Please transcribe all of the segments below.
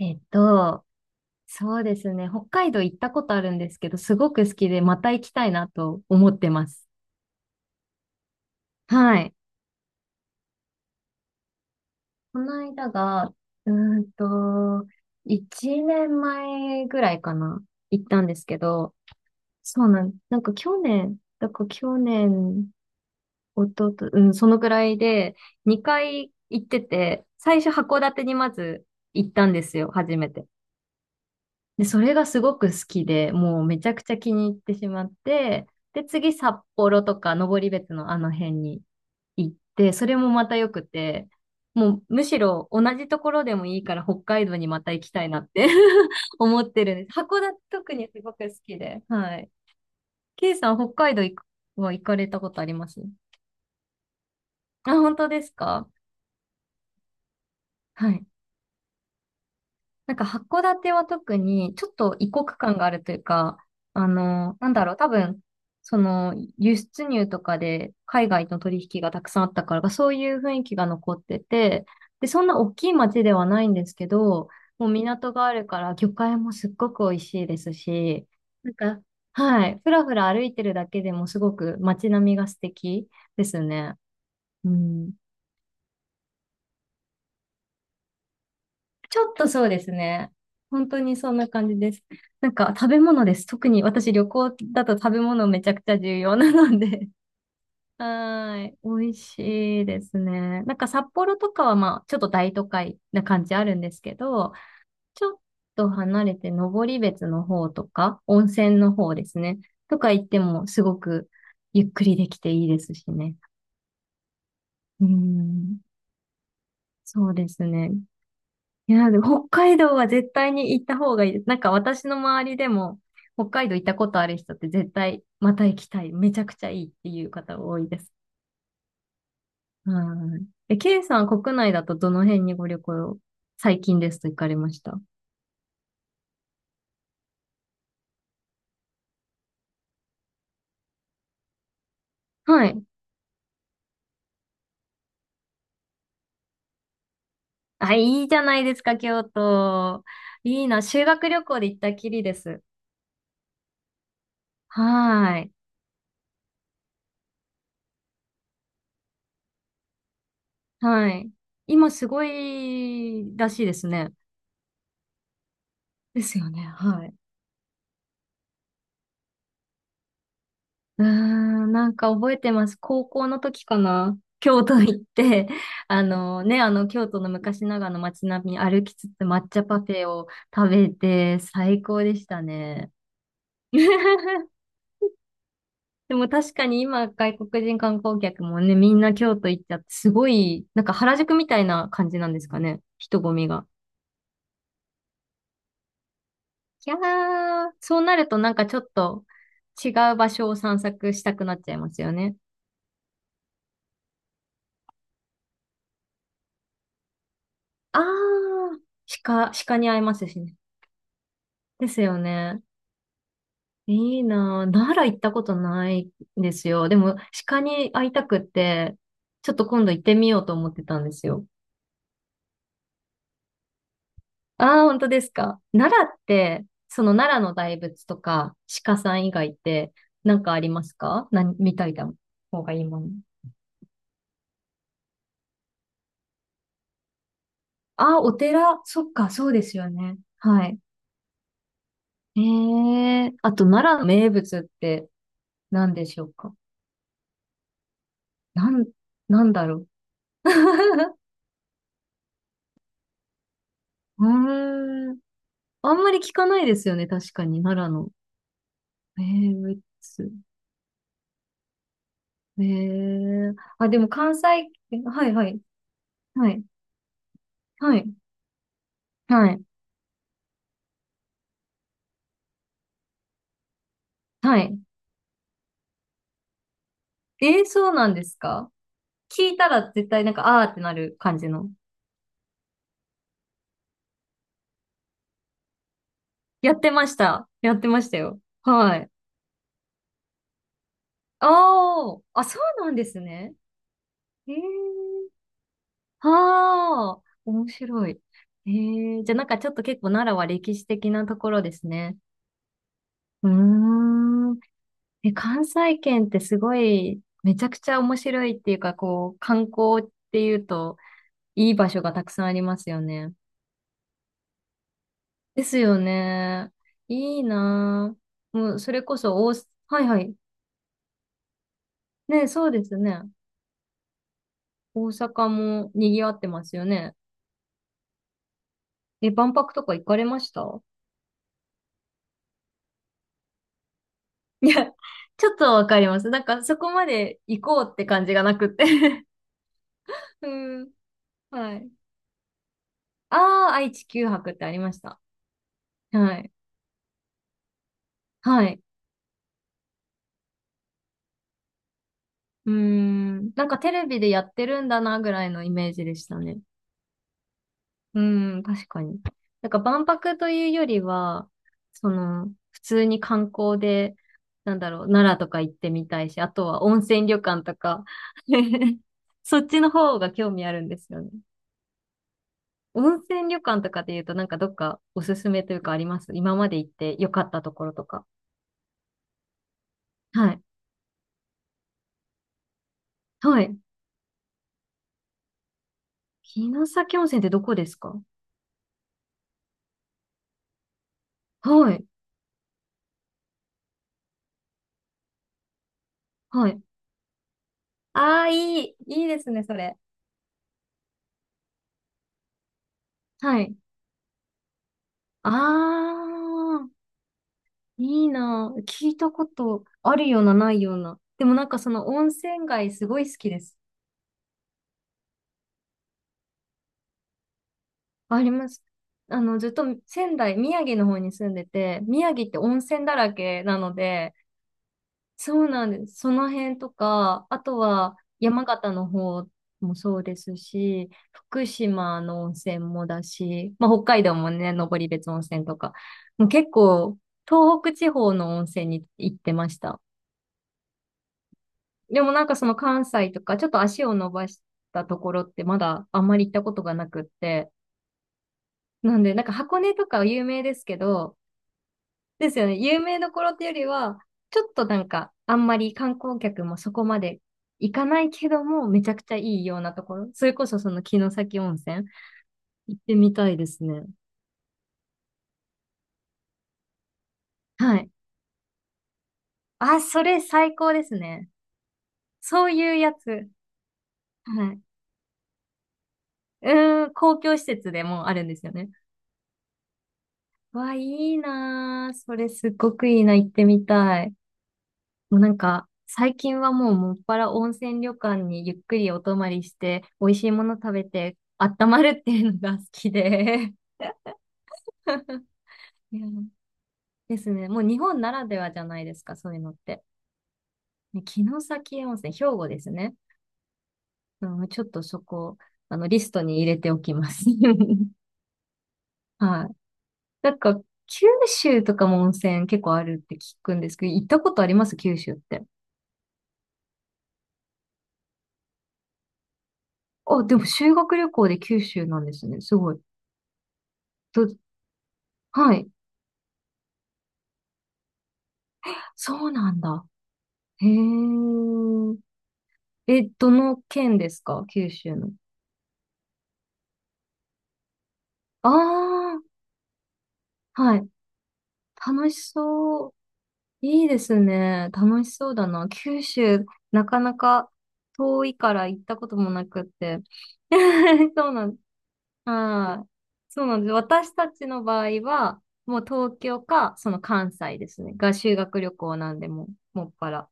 えっと、そうですね。北海道行ったことあるんですけど、すごく好きで、また行きたいなと思ってます。はい。この間が、うーんと、1年前ぐらいかな、行ったんですけど、そうなん、なんか去年、だから去年、おとと、うん、そのぐらいで、2回行ってて、最初函館にまず行ったんですよ、初めて。で、それがすごく好きで、もうめちゃくちゃ気に入ってしまって、で、次札幌とか登別のあの辺に行って、それもまた良くて、もうむしろ同じところでもいいから北海道にまた行きたいなって 思ってるんです。函館特にすごく好きで。はい。ケイさん、北海道行くは行かれたことありますあ、本当ですか？はい。なんか函館は特にちょっと異国感があるというか、あの、なんだろう、多分、その輸出入とかで海外との取引がたくさんあったから、そういう雰囲気が残ってて、で、そんな大きい町ではないんですけど、もう港があるから魚介もすっごく美味しいですし、なんか、はい、ふらふら歩いてるだけでもすごく街並みが素敵ですね。うん。ちょっとそうですね。本当にそんな感じです。なんか食べ物です。特に私旅行だと食べ物めちゃくちゃ重要なので。はーい。美味しいですね。なんか札幌とかはまあちょっと大都会な感じあるんですけど、ちょっと離れて登別の方とか、温泉の方ですね。とか行ってもすごくゆっくりできていいですしね。うーん。そうですね。いや、でも北海道は絶対に行った方がいいです。なんか私の周りでも、北海道行ったことある人って絶対また行きたい。めちゃくちゃいいっていう方多いです。はい。え、K さん国内だとどの辺にご旅行、最近ですと行かれましたはい。あ、いいじゃないですか、京都。いいな。修学旅行で行ったきりです。はい。はい。今すごいらしいですね。ですよね。はい。うーん、なんか覚えてます。高校の時かな。京都行って、あのね、あの京都の昔ながらの街並み歩きつつ抹茶パフェを食べて最高でしたね。でも確かに今外国人観光客もね、みんな京都行っちゃってすごい、なんか原宿みたいな感じなんですかね。人混みが。いやー、そうなるとなんかちょっと違う場所を散策したくなっちゃいますよね。あー、鹿、鹿に会えますしね。ですよね。いいなぁ。奈良行ったことないんですよ。でも、鹿に会いたくって、ちょっと今度行ってみようと思ってたんですよ。ああ、本当ですか。奈良って、その奈良の大仏とか、鹿さん以外って、なんかありますか？何、みたいな方がいいもの。ああ、お寺。そっか、そうですよね。はい。えあと、奈良の名物って何でしょうか？なん、なんだろう。うーん。あんまり聞かないですよね、確かに、奈良の。えー、ウエッツ。えー、あ、でも関西、えはいはい、はい、はい、はい、はい。えー、そうなんですか？聞いたら絶対なんか、あーってなる感じの。やってました。やってましたよ。はい。あー、あ、そうなんですね。えー、はー、面白い。えー、じゃあなんかちょっと結構奈良は歴史的なところですね。うーん。え、関西圏ってすごい、めちゃくちゃ面白いっていうか、こう、観光っていうと、いい場所がたくさんありますよね。ですよね。いいなぁ。もう、それこそ、大阪、はいはい。ね、そうですね。大阪も賑わってますよね。え、万博とか行かれましたいや、ちょっとわかります。なんか、そこまで行こうって感じがなくって うん、はい。ああ、愛・地球博ってありました。はい。はい。うーん。なんかテレビでやってるんだなぐらいのイメージでしたね。うーん、確かに。なんか万博というよりは、その、普通に観光で、なんだろう、奈良とか行ってみたいし、あとは温泉旅館とか、そっちの方が興味あるんですよね。温泉旅館とかで言うと、なんかどっかおすすめというかあります？今まで行って良かったところとか。はい。はい。城崎温泉ってどこですか？はい。はい。ああ、いい。いいですね、それ。はい。ああ、いいな。聞いたことあるような、ないような。でもなんかその温泉街すごい好きです。あります。あの、ずっと仙台、宮城の方に住んでて、宮城って温泉だらけなので、そうなんです。その辺とか、あとは山形の方もそうですし、福島の温泉もだし、まあ、北海道もね、登別温泉とか、もう結構東北地方の温泉に行ってました。でもなんかその関西とか、ちょっと足を伸ばしたところってまだあんまり行ったことがなくって。なんで、なんか箱根とかは有名ですけど、ですよね。有名どころっていうよりは、ちょっとなんか、あんまり観光客もそこまで行かないけども、めちゃくちゃいいようなところ。それこそその城崎温泉、行ってみたいですね。はい。あ、それ最高ですね。そういうやつ。はい。うーん、公共施設でもあるんですよね。わ、いいなー。それすっごくいいな。行ってみたい。もうなんか、最近はもうもっぱら温泉旅館にゆっくりお泊まりして、美味しいもの食べて、温まるっていうのが好きで。いやですね。もう日本ならではじゃないですか、そういうのって。ね城崎温泉、兵庫ですね。うん、ちょっとそこ、あの、リストに入れておきます。はい。なんか、九州とかも温泉結構あるって聞くんですけど、行ったことあります？九州って。あ、でも修学旅行で九州なんですね。すごい。ど、はい。そうなんだ。へえ。え、どの県ですか？九州の。ああ、はい。楽しそう。いいですね。楽しそうだな。九州、なかなか遠いから行ったこともなくって。そうなんです、はい。そうなんです。私たちの場合は、もう東京か、その関西ですね。が修学旅行なんで、もう、もっぱら。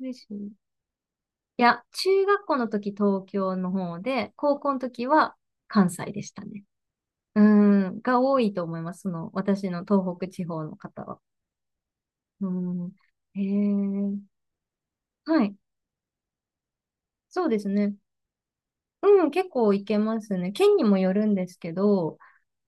ですいや、中学校の時東京の方で、高校の時は関西でしたね。うん、が多いと思います。その、私の東北地方の方は。うん。へえ。はい。そうですね。うん、結構行けますね。県にもよるんですけど、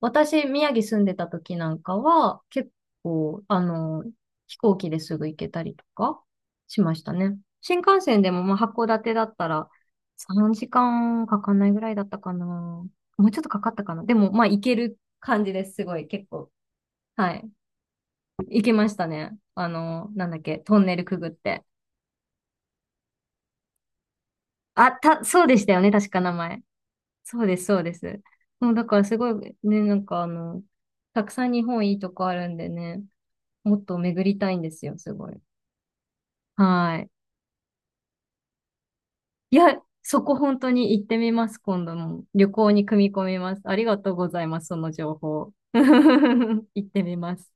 私、宮城住んでた時なんかは、結構、あの、飛行機ですぐ行けたりとかしましたね。新幹線でも、まあ、函館だったら3時間かんかかんないぐらいだったかな。もうちょっとかかったかな。でも、まあ、行ける感じです。すごい、結構。はい。行けましたね。あの、なんだっけ、トンネルくぐって。あ、た、そうでしたよね。確か名前。そうです、そうです。もうだからすごいね、なんかあの、たくさん日本いいとこあるんでね、もっと巡りたいんですよ、すごい。はい。いや、そこ本当に行ってみます、今度も。旅行に組み込みます。ありがとうございます、その情報。行ってみます。